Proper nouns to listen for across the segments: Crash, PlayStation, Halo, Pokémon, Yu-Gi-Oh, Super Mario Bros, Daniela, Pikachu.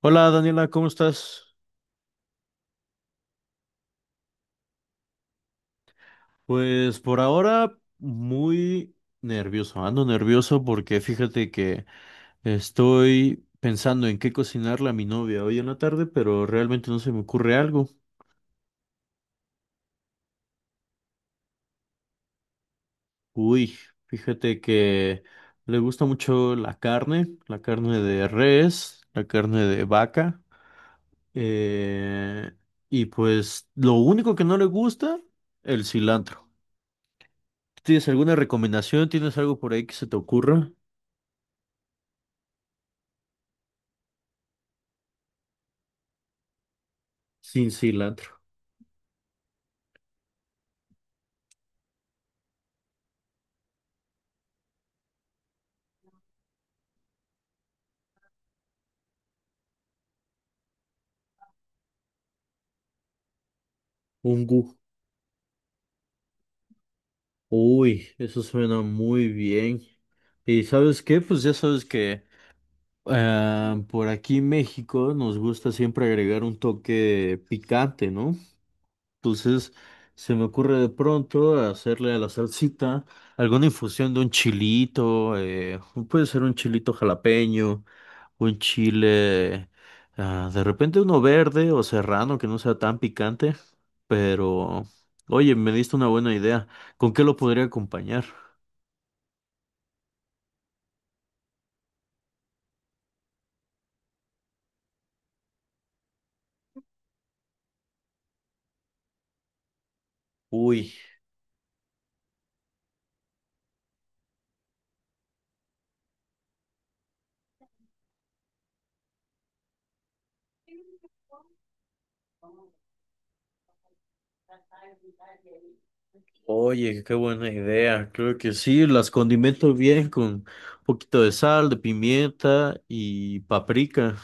Hola Daniela, ¿cómo estás? Pues por ahora muy nervioso, ando nervioso porque fíjate que estoy pensando en qué cocinarle a mi novia hoy en la tarde, pero realmente no se me ocurre algo. Uy, fíjate que le gusta mucho la carne de res, la carne de vaca, eh, y pues lo único que no le gusta, el cilantro. ¿Tienes alguna recomendación? ¿Tienes algo por ahí que se te ocurra? Sin cilantro. Un gu. Uy, eso suena muy bien. ¿Y sabes qué? Pues ya sabes que por aquí en México nos gusta siempre agregar un toque picante, ¿no? Entonces, se me ocurre de pronto hacerle a la salsita alguna infusión de un chilito, puede ser un chilito jalapeño, un chile, ah, de repente uno verde o serrano que no sea tan picante, pero, oye, me diste una buena idea. ¿Con qué lo podría acompañar? Uy, oye, qué buena idea. Creo que sí, las condimento bien con un poquito de sal, de pimienta y paprika.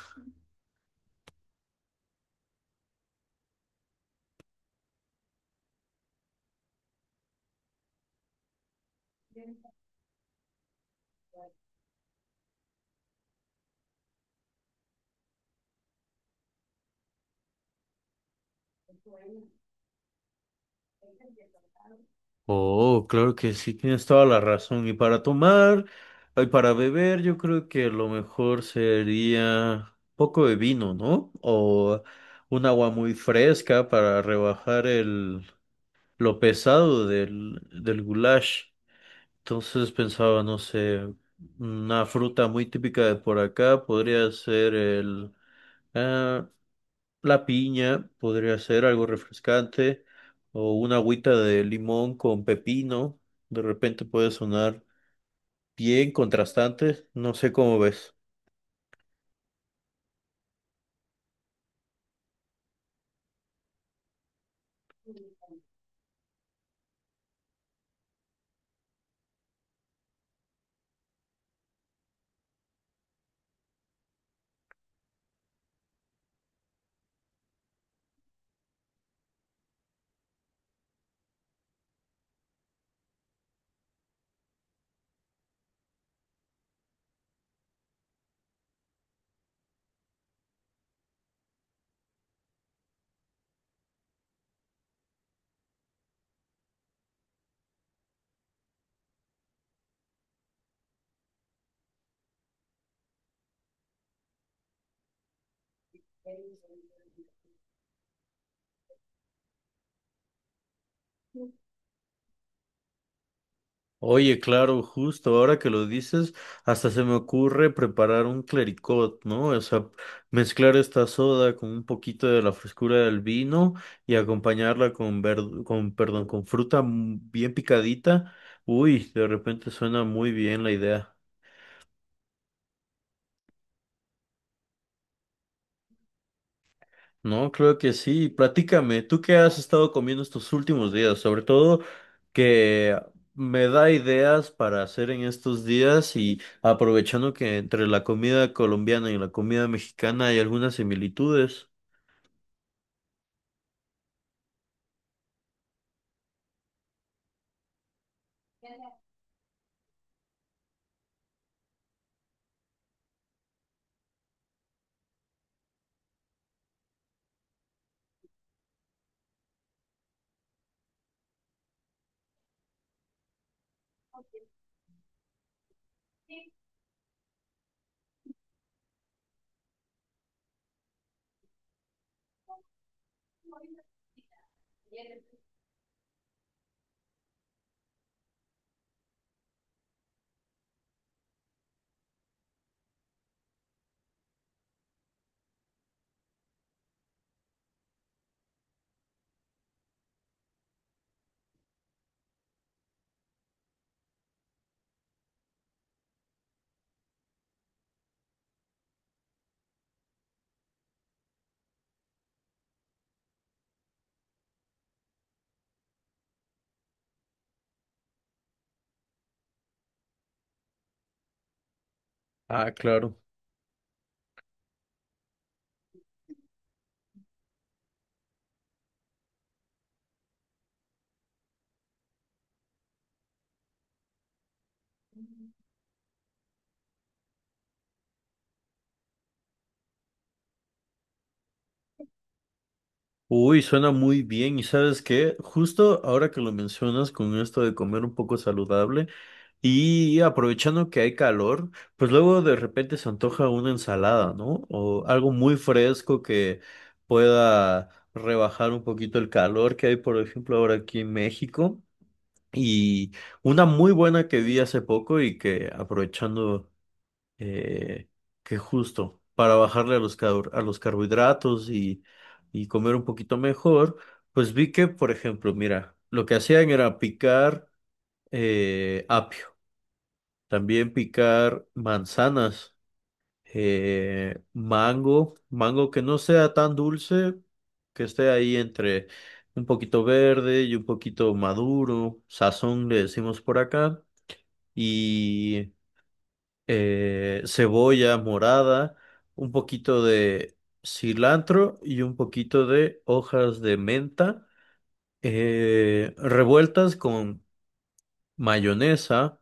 Oh, claro que sí, tienes toda la razón. Y para tomar, y para beber, yo creo que lo mejor sería un poco de vino, ¿no? O un agua muy fresca para rebajar el, lo pesado del goulash. Entonces pensaba, no sé, una fruta muy típica de por acá podría ser el, ah, la piña podría ser algo refrescante o una agüita de limón con pepino. De repente puede sonar bien contrastante. No sé cómo ves. Oye, claro, justo ahora que lo dices, hasta se me ocurre preparar un clericot, ¿no? O sea, mezclar esta soda con un poquito de la frescura del vino y acompañarla con con, perdón, con fruta bien picadita. Uy, de repente suena muy bien la idea. No, creo que sí. Platícame, ¿tú qué has estado comiendo estos últimos días? Sobre todo que me da ideas para hacer en estos días y aprovechando que entre la comida colombiana y la comida mexicana hay algunas similitudes. Ah, claro. Uy, suena muy bien. ¿Y sabes qué? Justo ahora que lo mencionas con esto de comer un poco saludable y aprovechando que hay calor, pues luego de repente se antoja una ensalada, ¿no? O algo muy fresco que pueda rebajar un poquito el calor que hay, por ejemplo, ahora aquí en México. Y una muy buena que vi hace poco y que aprovechando eh, que justo para bajarle a a los carbohidratos y comer un poquito mejor, pues vi que, por ejemplo, mira, lo que hacían era picar apio, también picar manzanas, mango, mango que no sea tan dulce, que esté ahí entre un poquito verde y un poquito maduro, sazón le decimos por acá, y cebolla morada, un poquito de cilantro y un poquito de hojas de menta, revueltas con mayonesa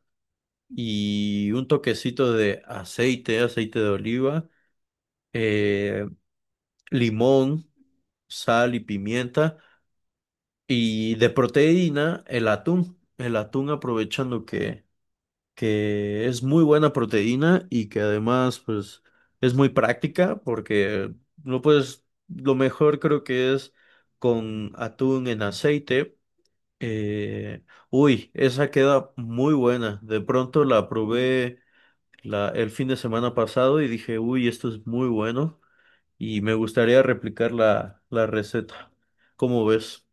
y un toquecito de aceite, aceite de oliva, eh, limón, sal y pimienta y de proteína el atún aprovechando que es muy buena proteína y que además pues es muy práctica porque lo puedes, lo mejor creo que es con atún en aceite. Eh, uy, esa queda muy buena. De pronto el fin de semana pasado y dije, uy, esto es muy bueno y me gustaría replicar la receta. ¿Cómo ves?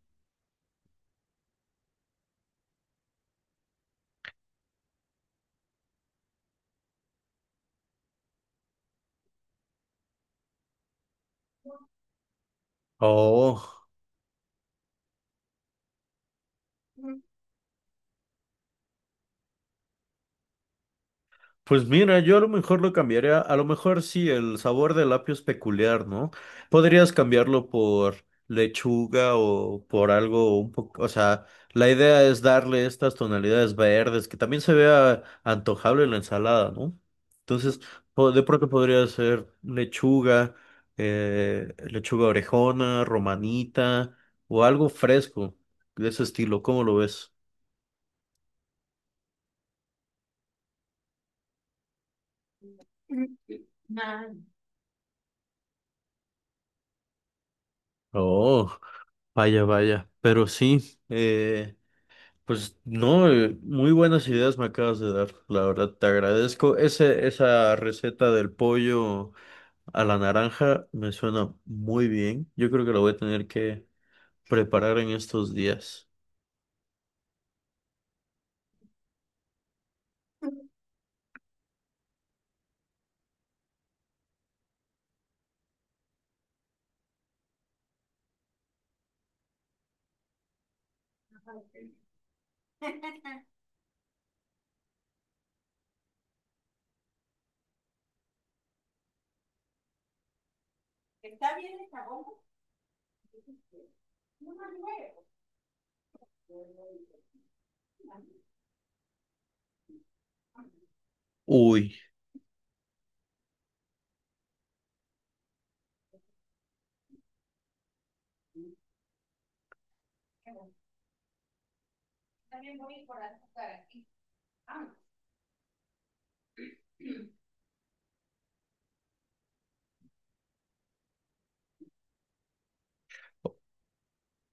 Oh. Pues mira, yo a lo mejor lo cambiaría, a lo mejor sí, el sabor del apio es peculiar, ¿no? Podrías cambiarlo por lechuga o por algo un poco, o sea, la idea es darle estas tonalidades verdes que también se vea antojable en la ensalada, ¿no? Entonces, de pronto podría ser lechuga, lechuga orejona, romanita o algo fresco de ese estilo, ¿cómo lo ves? Oh, vaya, vaya, pero sí, Pues no, muy buenas ideas me acabas de dar, la verdad, te agradezco. Esa receta del pollo a la naranja me suena muy bien. Yo creo que la voy a tener que preparar en estos días. Uy,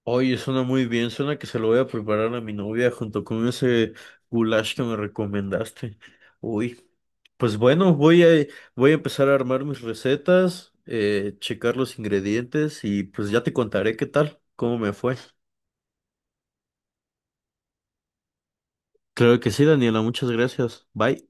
oye, suena muy bien, suena que se lo voy a preparar a mi novia junto con ese goulash que me recomendaste. Uy, pues bueno, voy a empezar a armar mis recetas, checar los ingredientes y pues ya te contaré qué tal, cómo me fue. Claro que sí, Daniela, muchas gracias. Bye.